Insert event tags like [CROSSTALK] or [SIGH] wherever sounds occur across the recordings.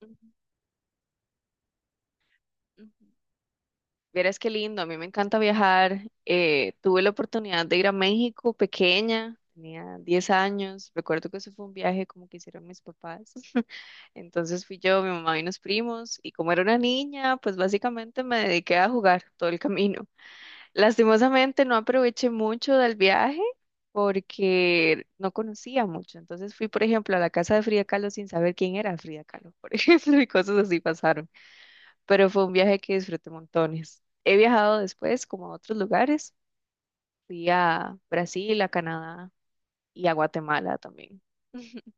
Ujú, ujú. Vieras qué lindo, a mí me encanta viajar. Tuve la oportunidad de ir a México pequeña, tenía 10 años. Recuerdo que ese fue un viaje como que hicieron mis papás. [LAUGHS] Entonces fui yo, mi mamá y unos primos. Y como era una niña, pues básicamente me dediqué a jugar todo el camino. Lastimosamente no aproveché mucho del viaje porque no conocía mucho. Entonces fui, por ejemplo, a la casa de Frida Kahlo sin saber quién era Frida Kahlo, por [LAUGHS] ejemplo, y cosas así pasaron. Pero fue un viaje que disfruté montones. He viajado después como a otros lugares. Fui a Brasil, a Canadá y a Guatemala también. [LAUGHS]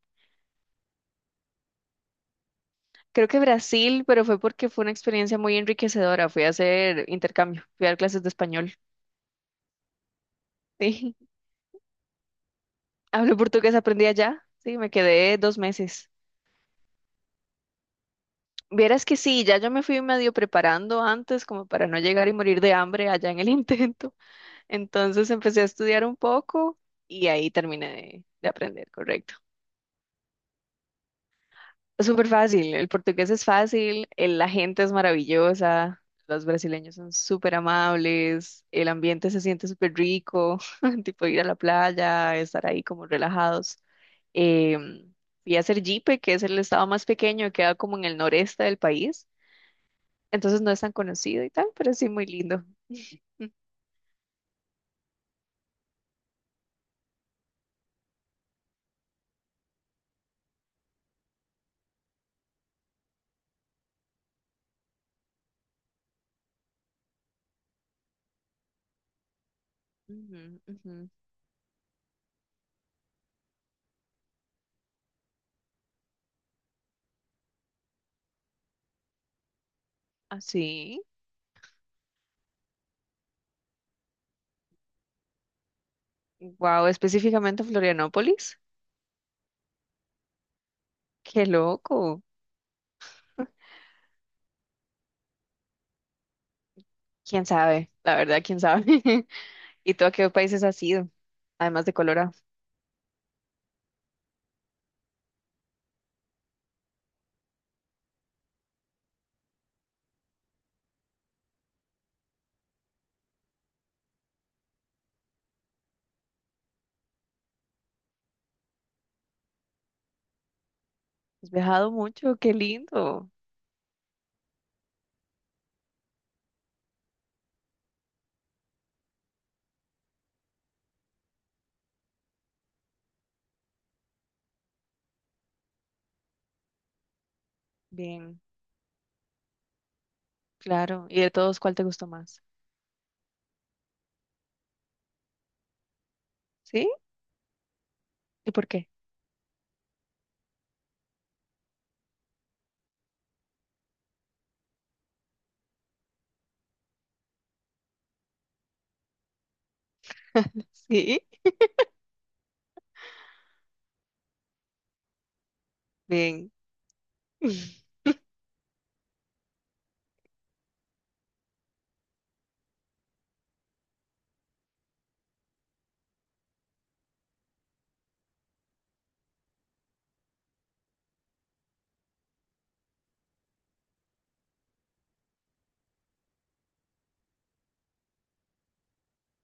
Creo que Brasil, pero fue porque fue una experiencia muy enriquecedora. Fui a hacer intercambio, fui a dar clases de español. Sí, [LAUGHS] hablo portugués, aprendí allá. Sí, me quedé 2 meses. Vieras que sí, ya yo me fui medio preparando antes como para no llegar y morir de hambre allá en el [LAUGHS] intento. Entonces empecé a estudiar un poco y ahí terminé de aprender, correcto. Es súper fácil, el portugués es fácil, la gente es maravillosa, los brasileños son súper amables, el ambiente se siente súper rico, [LAUGHS] tipo ir a la playa, estar ahí como relajados. Em, Fui a Sergipe, que es el estado más pequeño, queda como en el noreste del país. Entonces no es tan conocido y tal, pero sí muy lindo. Ujú, ujú. Ah, sí. Wow, específicamente Florianópolis. Qué loco. ¿Quién sabe? La verdad, ¿quién sabe? [LAUGHS] ¿Y tú a qué países has ido? Además de Colorado. Has viajado mucho, qué lindo. Bien, claro. ¿Y de todos cuál te gustó más? ¿Sí? ¿Y por qué? [LAUGHS] Sí. Bien. [LAUGHS]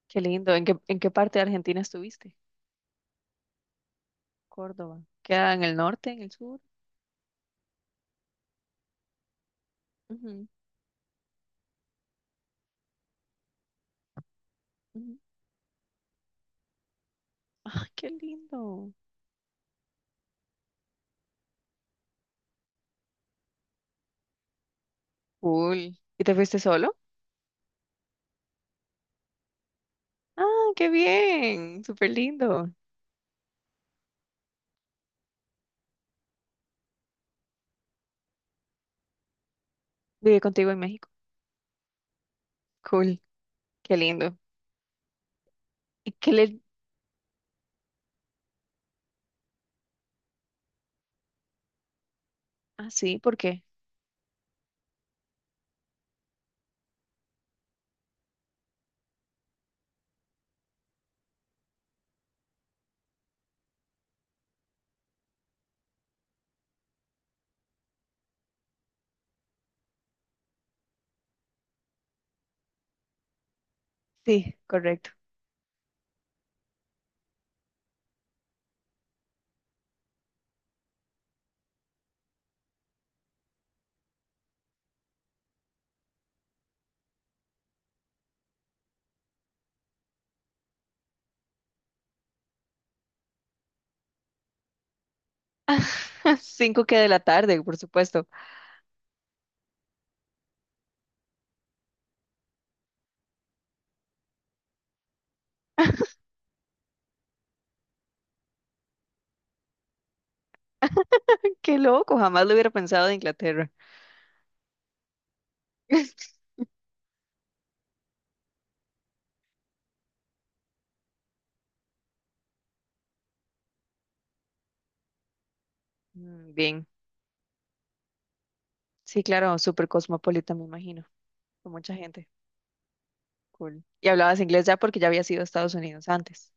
Qué lindo. En qué parte de Argentina estuviste? Córdoba. ¿Queda en el norte, en el sur? Ujú, ujú. Ay, qué lindo. Cool. ¿Y te fuiste solo? Ah, qué bien. Súper lindo. Vive contigo en México. Cool. Qué lindo. ¿Y qué le... Ah, sí, ¿por qué? Sí, correcto. [LAUGHS] Cinco que de la tarde, por supuesto. Qué loco, jamás lo hubiera pensado de Inglaterra. [LAUGHS] Mm, bien. Sí, claro, súper cosmopolita, me imagino. Con mucha gente. Cool. Y hablabas inglés ya porque ya habías ido a Estados Unidos antes.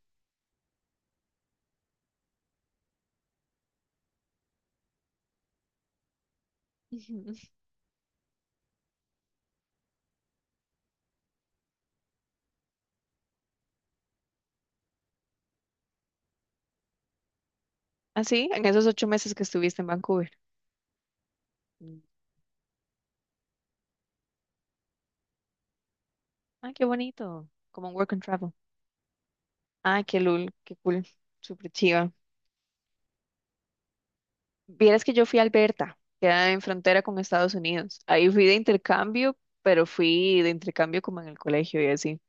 Ujú. Ah, sí, en esos 8 meses que estuviste en Vancouver. Mm. Ay, qué bonito. Como un work and travel. Ah, qué lul, qué cool, súper chiva. Vieras que yo fui a Alberta, queda en frontera con Estados Unidos. Ahí fui de intercambio, pero fui de intercambio como en el colegio y así.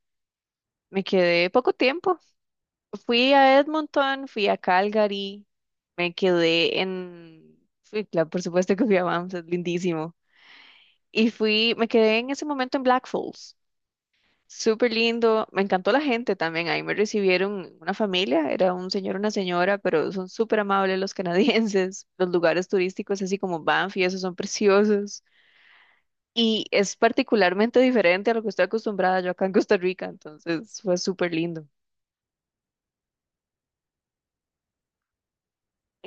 Me quedé poco tiempo. Fui a Edmonton, fui a Calgary, me quedé en... Fui, claro, por supuesto que fui a Banff, es lindísimo. Y fui, me quedé en ese momento en Black Falls. Súper lindo, me encantó la gente también, ahí me recibieron una familia, era un señor, una señora, pero son súper amables los canadienses, [LAUGHS] los lugares turísticos así como Banff y esos son preciosos y es particularmente diferente a lo que estoy acostumbrada yo acá en Costa Rica, entonces fue súper lindo.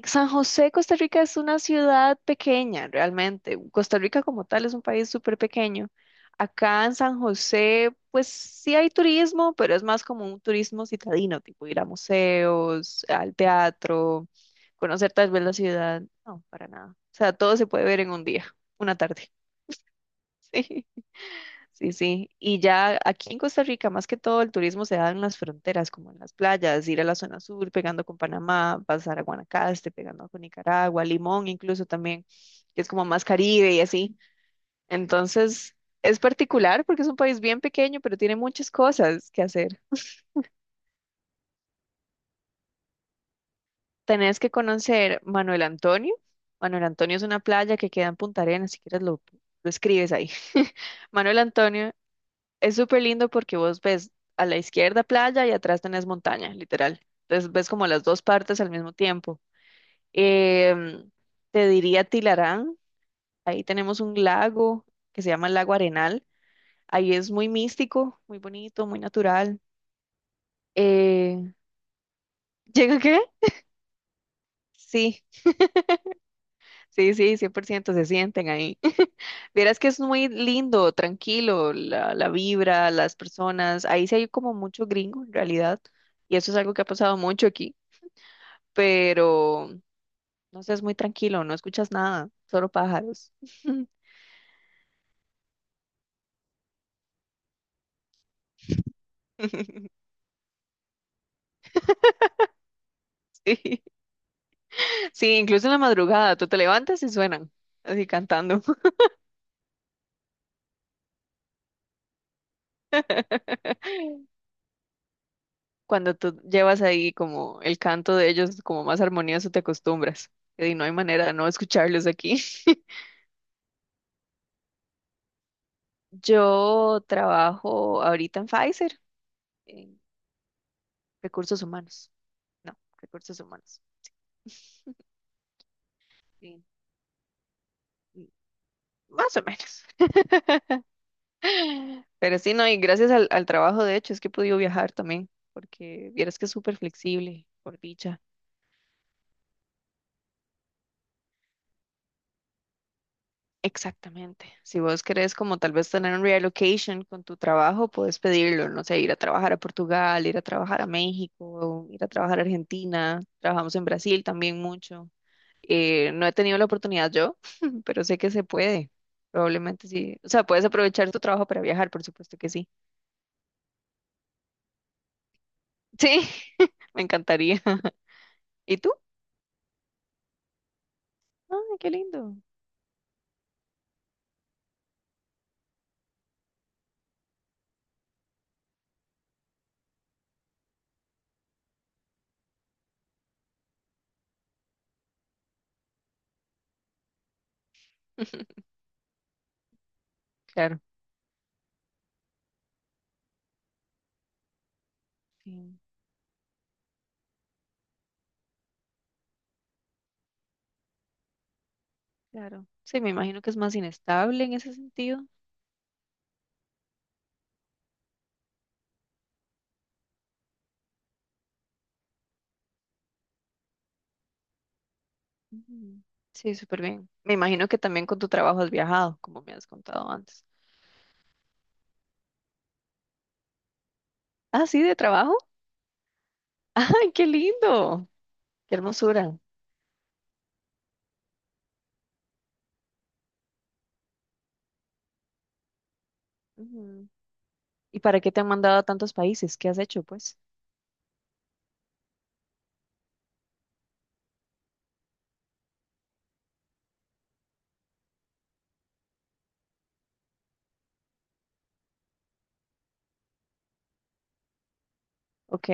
San José, Costa Rica es una ciudad pequeña, realmente. Costa Rica como tal es un país súper pequeño. Acá en San José, pues sí hay turismo, pero es más como un turismo citadino, tipo ir a museos, al teatro, conocer tal vez la ciudad. No, para nada. O sea, todo se puede ver en un día, una tarde. [LAUGHS] Sí. Sí, sí. Y ya aquí en Costa Rica, más que todo, el turismo se da en las fronteras, como en las playas, ir a la zona sur, pegando con Panamá, pasar a Guanacaste, pegando con Nicaragua, Limón incluso también, que es como más Caribe y así. Entonces, es particular porque es un país bien pequeño, pero tiene muchas cosas que hacer. Tenés que conocer Manuel Antonio. Manuel Antonio es una playa que queda en Punta Arenas, si quieres lo escribes ahí. [LAUGHS] Manuel Antonio. Es súper lindo porque vos ves a la izquierda playa y atrás tenés montaña, literal. Entonces ves como las dos partes al mismo tiempo. Em, Te diría Tilarán, ahí tenemos un lago que se llama el Lago Arenal. Ahí es muy místico, muy bonito, muy natural. Eh, [LAUGHS] ¿Llega qué? Sí, sí, sí, 100% se sienten ahí. [LAUGHS] Verás que es muy lindo, tranquilo, la vibra, las personas. Ahí sí hay como mucho gringo en realidad. Y eso es algo que ha pasado mucho aquí. Pero no sé, es muy tranquilo, no escuchas nada, solo pájaros. [LAUGHS] Sí, sí, incluso en la madrugada, tú te levantas y suenan, así cantando. [LAUGHS] Cuando tú llevas ahí como el canto de ellos como más armonioso, te acostumbras. Y no hay manera de no escucharlos aquí. [LAUGHS] Yo trabajo ahorita en Pfizer, en recursos humanos. No, recursos humanos. Sí, más o menos. Pero sí, no, y gracias al trabajo, de hecho, es que he podido viajar también, porque vieras que es súper flexible, por dicha. Exactamente. Si vos querés como tal vez tener un reallocation con tu trabajo, puedes pedirlo, no sé, ir a trabajar a Portugal, ir a trabajar a México, ir a trabajar a Argentina, trabajamos en Brasil también mucho. No he tenido la oportunidad yo, [LAUGHS] pero sé que se puede. Probablemente sí. O sea, puedes aprovechar tu trabajo para viajar, por supuesto que sí. Sí, [LAUGHS] me encantaría. ¿Y tú? Ay, qué lindo. Claro. Sí. Claro. Sí, me imagino que es más inestable en ese sentido. Ujú. Sí, súper bien. Me imagino que también con tu trabajo has viajado, como me has contado antes. Ah, sí, de trabajo. [LAUGHS] ¡Ay, qué lindo! ¡Qué hermosura! Ujú. ¿Y para qué te han mandado a tantos países? ¿Qué has hecho, pues? Ok.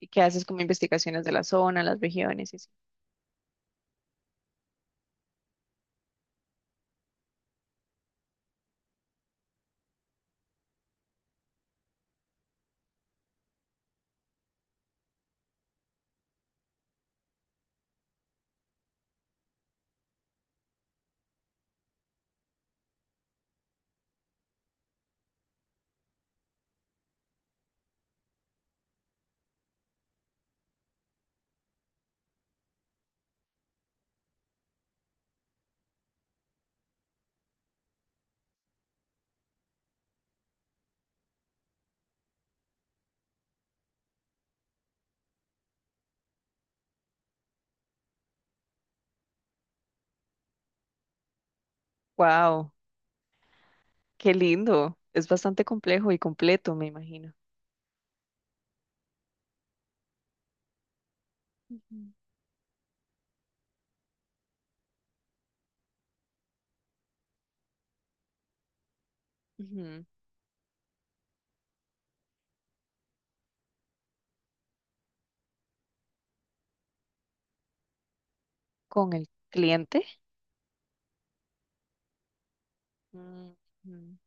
¿Y qué haces como investigaciones de la zona, las regiones y así? ¡Wow! ¡Qué lindo! Es bastante complejo y completo, me imagino. Ujú. Ujú. ¿Con el cliente? Mm, mm.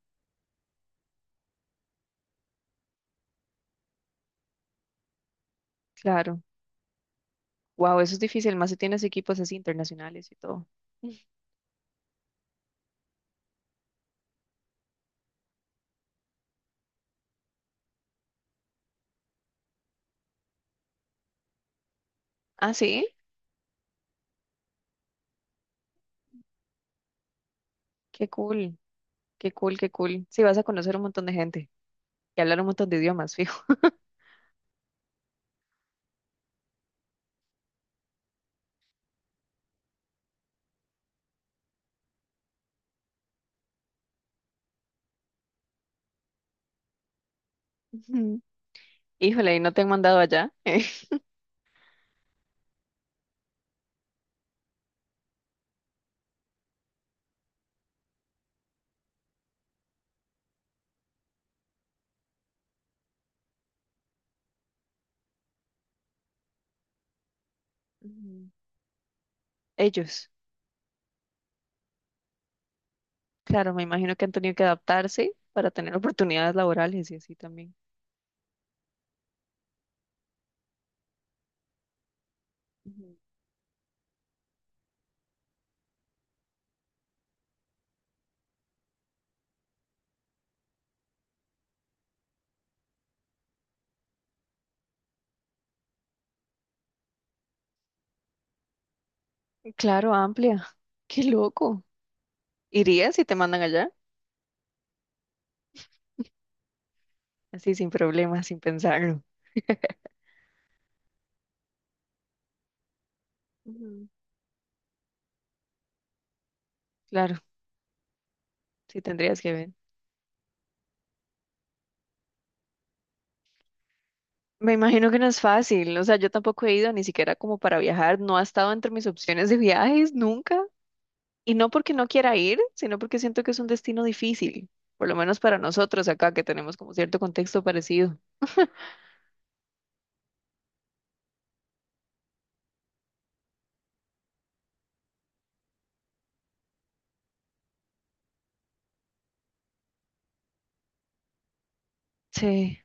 Claro. Wow, eso es difícil, más si tienes equipos así internacionales y todo. [LAUGHS] Ah, sí, qué cool, qué cool, qué cool. Sí, vas a conocer un montón de gente y hablar un montón de idiomas, [LAUGHS] fijo. Ujú. Híjole, ¿y no te han mandado allá? [LAUGHS] Ujú. Ellos, claro, me imagino que han tenido que adaptarse para tener oportunidades laborales y así también. Ujú. Claro, amplia. Qué loco. ¿Irías si te mandan allá? Así sin problemas, sin pensarlo. Ujú. Claro, sí tendrías que ver. Me imagino que no es fácil, o sea, yo tampoco he ido ni siquiera como para viajar, no ha estado entre mis opciones de viajes nunca, y no porque no quiera ir, sino porque siento que es un destino difícil, por lo menos para nosotros acá que tenemos como cierto contexto parecido. Sí.